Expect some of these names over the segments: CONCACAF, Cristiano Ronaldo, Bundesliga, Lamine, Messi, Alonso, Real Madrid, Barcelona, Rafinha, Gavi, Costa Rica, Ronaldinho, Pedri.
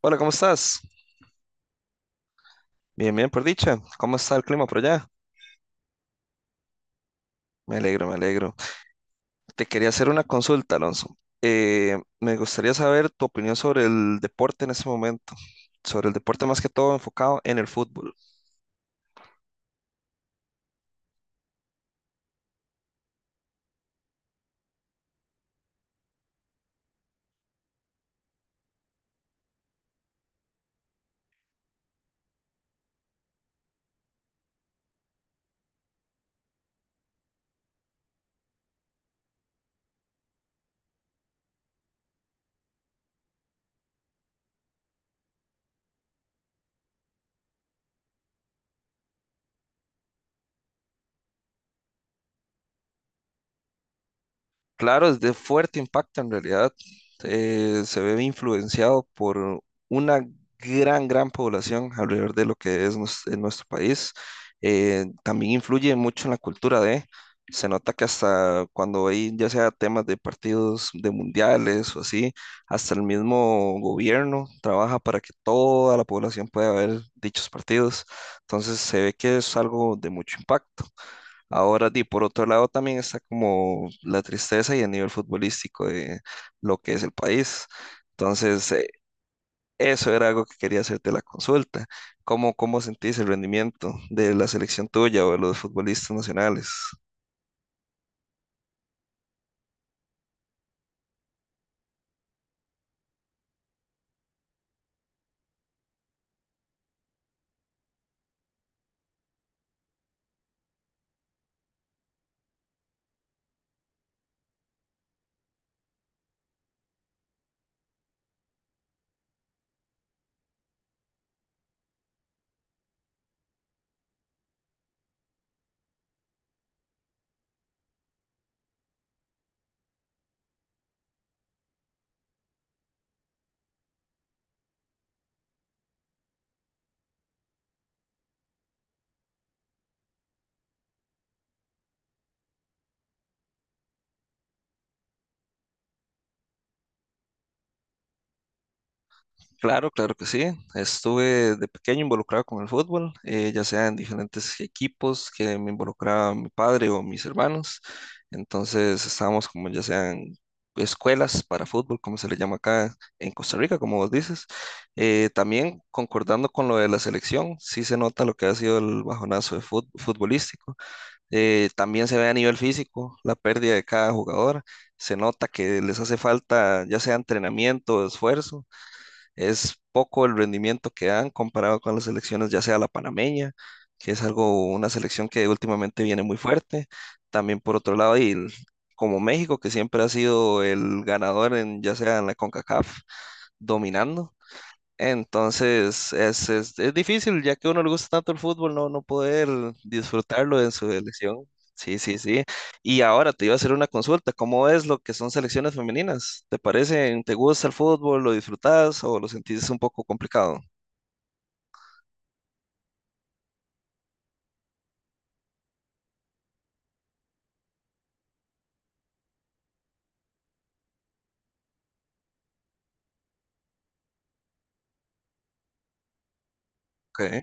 Hola, ¿cómo estás? Bien, bien, por dicha. ¿Cómo está el clima por allá? Me alegro, me alegro. Te quería hacer una consulta, Alonso. Me gustaría saber tu opinión sobre el deporte en este momento, sobre el deporte más que todo enfocado en el fútbol. Claro, es de fuerte impacto en realidad. Se ve influenciado por una gran población alrededor de lo que es en nuestro país. También influye mucho en la cultura de, se nota que hasta cuando hay ya sea temas de partidos de mundiales o así, hasta el mismo gobierno trabaja para que toda la población pueda ver dichos partidos. Entonces se ve que es algo de mucho impacto. Ahora, di, por otro lado, también está como la tristeza y el nivel futbolístico de lo que es el país. Entonces, eso era algo que quería hacerte la consulta. ¿Cómo, cómo sentís el rendimiento de la selección tuya o de los futbolistas nacionales? Claro, claro que sí. Estuve de pequeño involucrado con el fútbol, ya sea en diferentes equipos que me involucraba mi padre o mis hermanos. Entonces estábamos como ya sean escuelas para fútbol, como se le llama acá en Costa Rica, como vos dices. También concordando con lo de la selección, sí se nota lo que ha sido el bajonazo de futbolístico. También se ve a nivel físico la pérdida de cada jugador. Se nota que les hace falta ya sea entrenamiento, esfuerzo, es poco el rendimiento que dan comparado con las selecciones, ya sea la panameña, que es algo, una selección que últimamente viene muy fuerte. También por otro lado, como México, que siempre ha sido el ganador en, ya sea en la CONCACAF, dominando. Entonces es difícil, ya que a uno le gusta tanto el fútbol, no, no poder disfrutarlo en su elección. Sí, sí, sí. Y ahora te iba a hacer una consulta. ¿Cómo es lo que son selecciones femeninas? ¿Te parecen, te gusta el fútbol, lo disfrutas o lo sentís un poco complicado? Ok.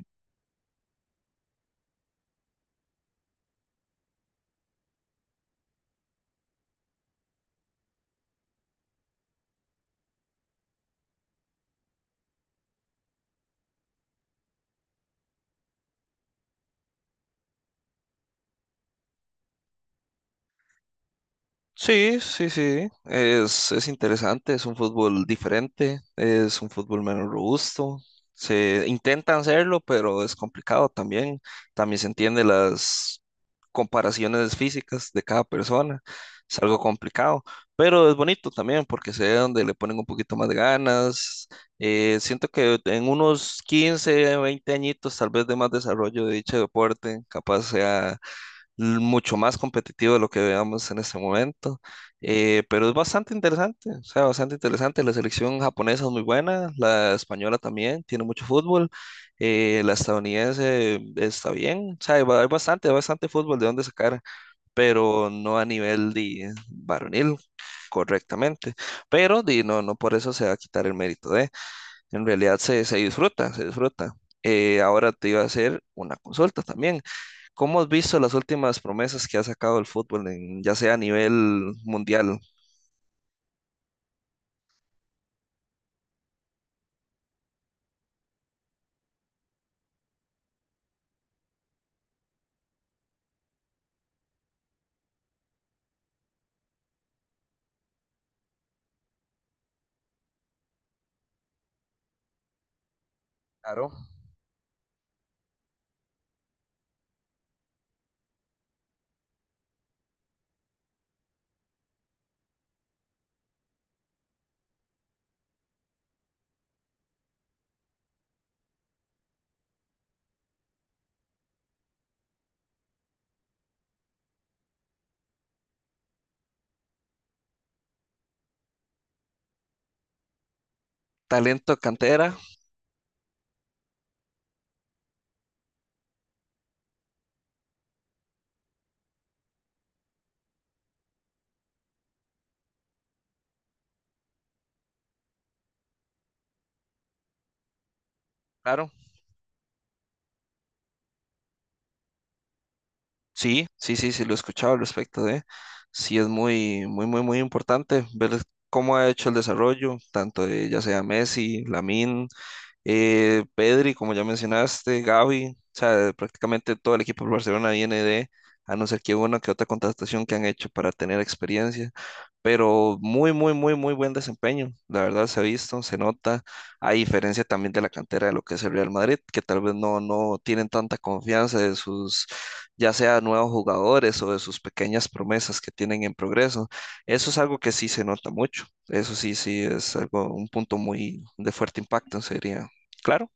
Sí, sí, sí, es interesante, es un fútbol diferente, es un fútbol menos robusto. Se intentan hacerlo, pero es complicado también. También se entiende las comparaciones físicas de cada persona. Es algo complicado, pero es bonito también porque se ve donde le ponen un poquito más de ganas. Siento que en unos 15, 20 añitos, tal vez de más desarrollo de dicho deporte, capaz sea mucho más competitivo de lo que veamos en este momento, pero es bastante interesante, o sea, bastante interesante. La selección japonesa es muy buena, la española también, tiene mucho fútbol, la estadounidense está bien, o sea, hay, hay bastante fútbol de dónde sacar, pero no a nivel de varonil correctamente, pero di, no, no por eso se va a quitar el mérito de, en realidad se, se disfruta, se disfruta. Ahora te iba a hacer una consulta también. ¿Cómo has visto las últimas promesas que ha sacado el fútbol, ya sea a nivel mundial? Claro. Talento cantera, claro. Sí, sí, sí, sí, lo he escuchado al respecto de. Sí, es muy importante ver cómo ha hecho el desarrollo, tanto de ya sea Messi, Lamine, Pedri, como ya mencionaste, Gavi. O sea, prácticamente todo el equipo del Barcelona viene de, a no ser que una que otra contratación que han hecho para tener experiencia, pero muy buen desempeño. La verdad se ha visto, se nota, a diferencia también de la cantera de lo que es el Real Madrid, que tal vez no, no tienen tanta confianza de sus, ya sea nuevos jugadores o de sus pequeñas promesas que tienen en progreso. Eso es algo que sí se nota mucho. Eso sí, sí es algo, un punto muy de fuerte impacto, sería. Claro.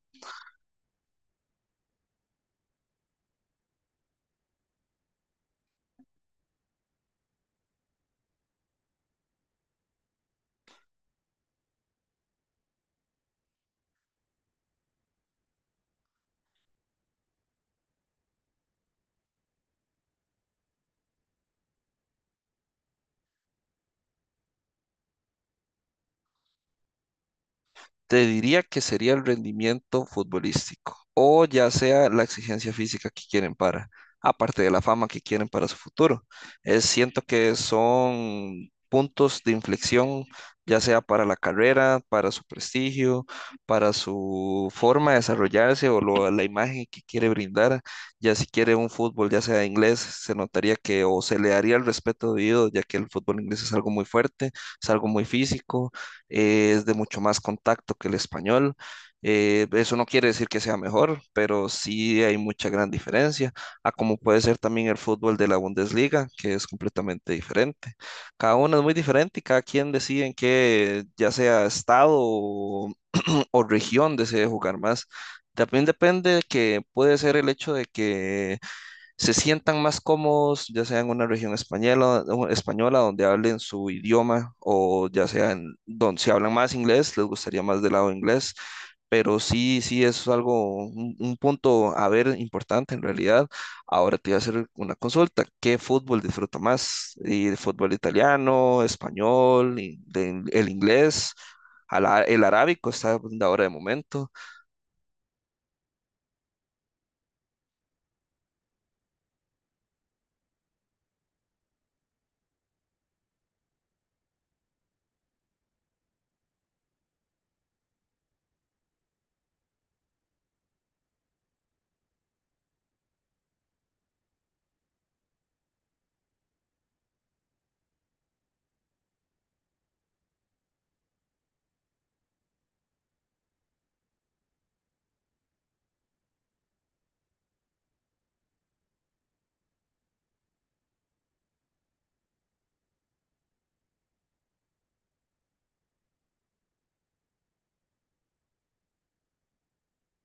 Te diría que sería el rendimiento futbolístico o ya sea la exigencia física que quieren para, aparte de la fama que quieren para su futuro. Es, siento que son puntos de inflexión, ya sea para la carrera, para su prestigio, para su forma de desarrollarse o la imagen que quiere brindar. Ya si quiere un fútbol, ya sea inglés, se notaría que o se le daría el respeto debido, ya que el fútbol inglés es algo muy fuerte, es algo muy físico, es de mucho más contacto que el español. Eso no quiere decir que sea mejor, pero sí hay mucha gran diferencia a como puede ser también el fútbol de la Bundesliga, que es completamente diferente. Cada uno es muy diferente y cada quien decide en qué, ya sea estado o región, desee jugar más. También depende que puede ser el hecho de que se sientan más cómodos, ya sea en una región española, española donde hablen su idioma o ya sea en donde se hablan más inglés, les gustaría más del lado inglés, pero sí, sí es algo, un punto a ver importante en realidad. Ahora te voy a hacer una consulta, ¿qué fútbol disfruta más? ¿El fútbol italiano, español, el inglés, el arábico está de ahora de momento?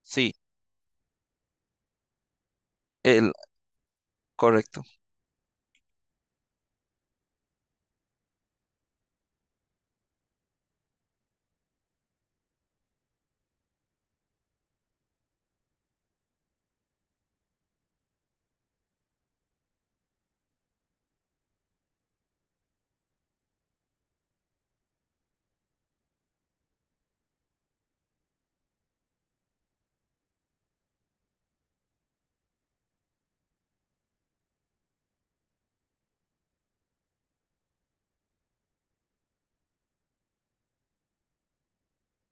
Sí, el, correcto.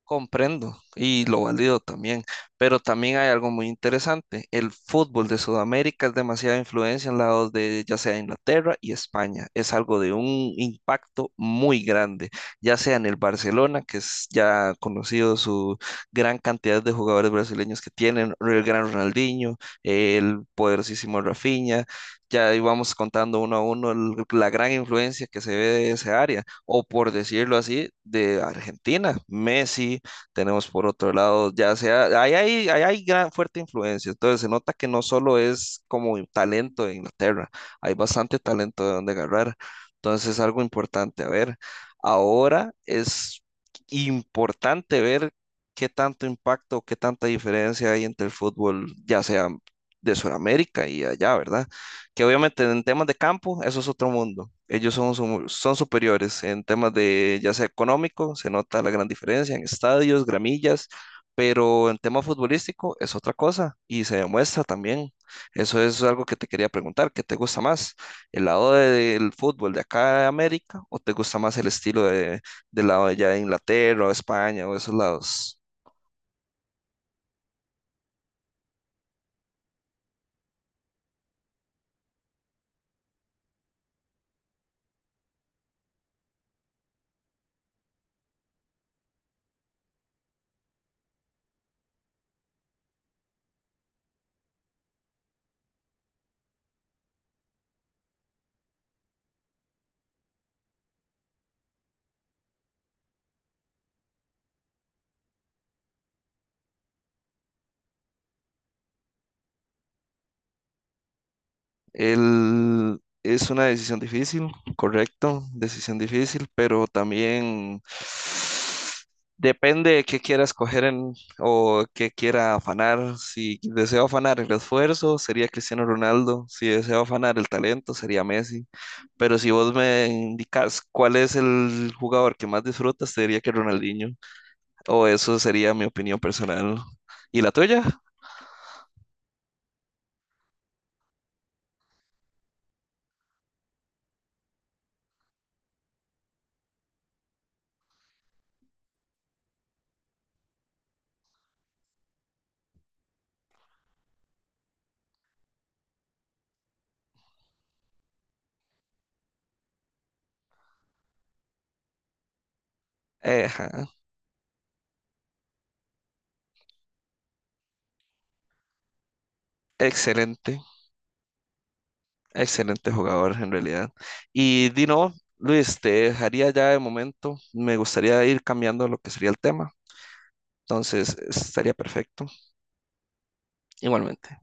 Comprendo y lo valido también, pero también hay algo muy interesante. El fútbol de Sudamérica es demasiada influencia en lados de ya sea Inglaterra y España. Es algo de un impacto muy grande, ya sea en el Barcelona, que es ya conocido su gran cantidad de jugadores brasileños que tienen, el gran Ronaldinho, el poderosísimo Rafinha. Ya íbamos contando uno a uno la gran influencia que se ve de esa área o por decirlo así, de Argentina. Messi, tenemos por otro lado, ya sea, ahí hay gran fuerte influencia. Entonces se nota que no solo es como talento de Inglaterra, hay bastante talento de donde agarrar. Entonces es algo importante. A ver, ahora es importante ver qué tanto impacto, qué tanta diferencia hay entre el fútbol, ya sea de Sudamérica y allá, ¿verdad? Que obviamente en temas de campo, eso es otro mundo. Ellos son, son superiores en temas de, ya sea económico, se nota la gran diferencia en estadios, gramillas, pero en tema futbolístico es otra cosa y se demuestra también. Eso es algo que te quería preguntar, ¿qué te gusta más? ¿El lado del fútbol de acá de América o te gusta más el estilo de, del lado de allá de Inglaterra o España o esos lados? Es una decisión difícil, correcto, decisión difícil, pero también depende de qué quiera escoger en, o qué quiera afanar. Si deseo afanar el esfuerzo, sería Cristiano Ronaldo. Si deseo afanar el talento, sería Messi. Pero si vos me indicas cuál es el jugador que más disfrutas, te diría que Ronaldinho. O eso sería mi opinión personal. ¿Y la tuya? Ejá, excelente. Excelente jugador en realidad. Y Dino, Luis, te dejaría ya de momento. Me gustaría ir cambiando lo que sería el tema. Entonces, estaría perfecto. Igualmente.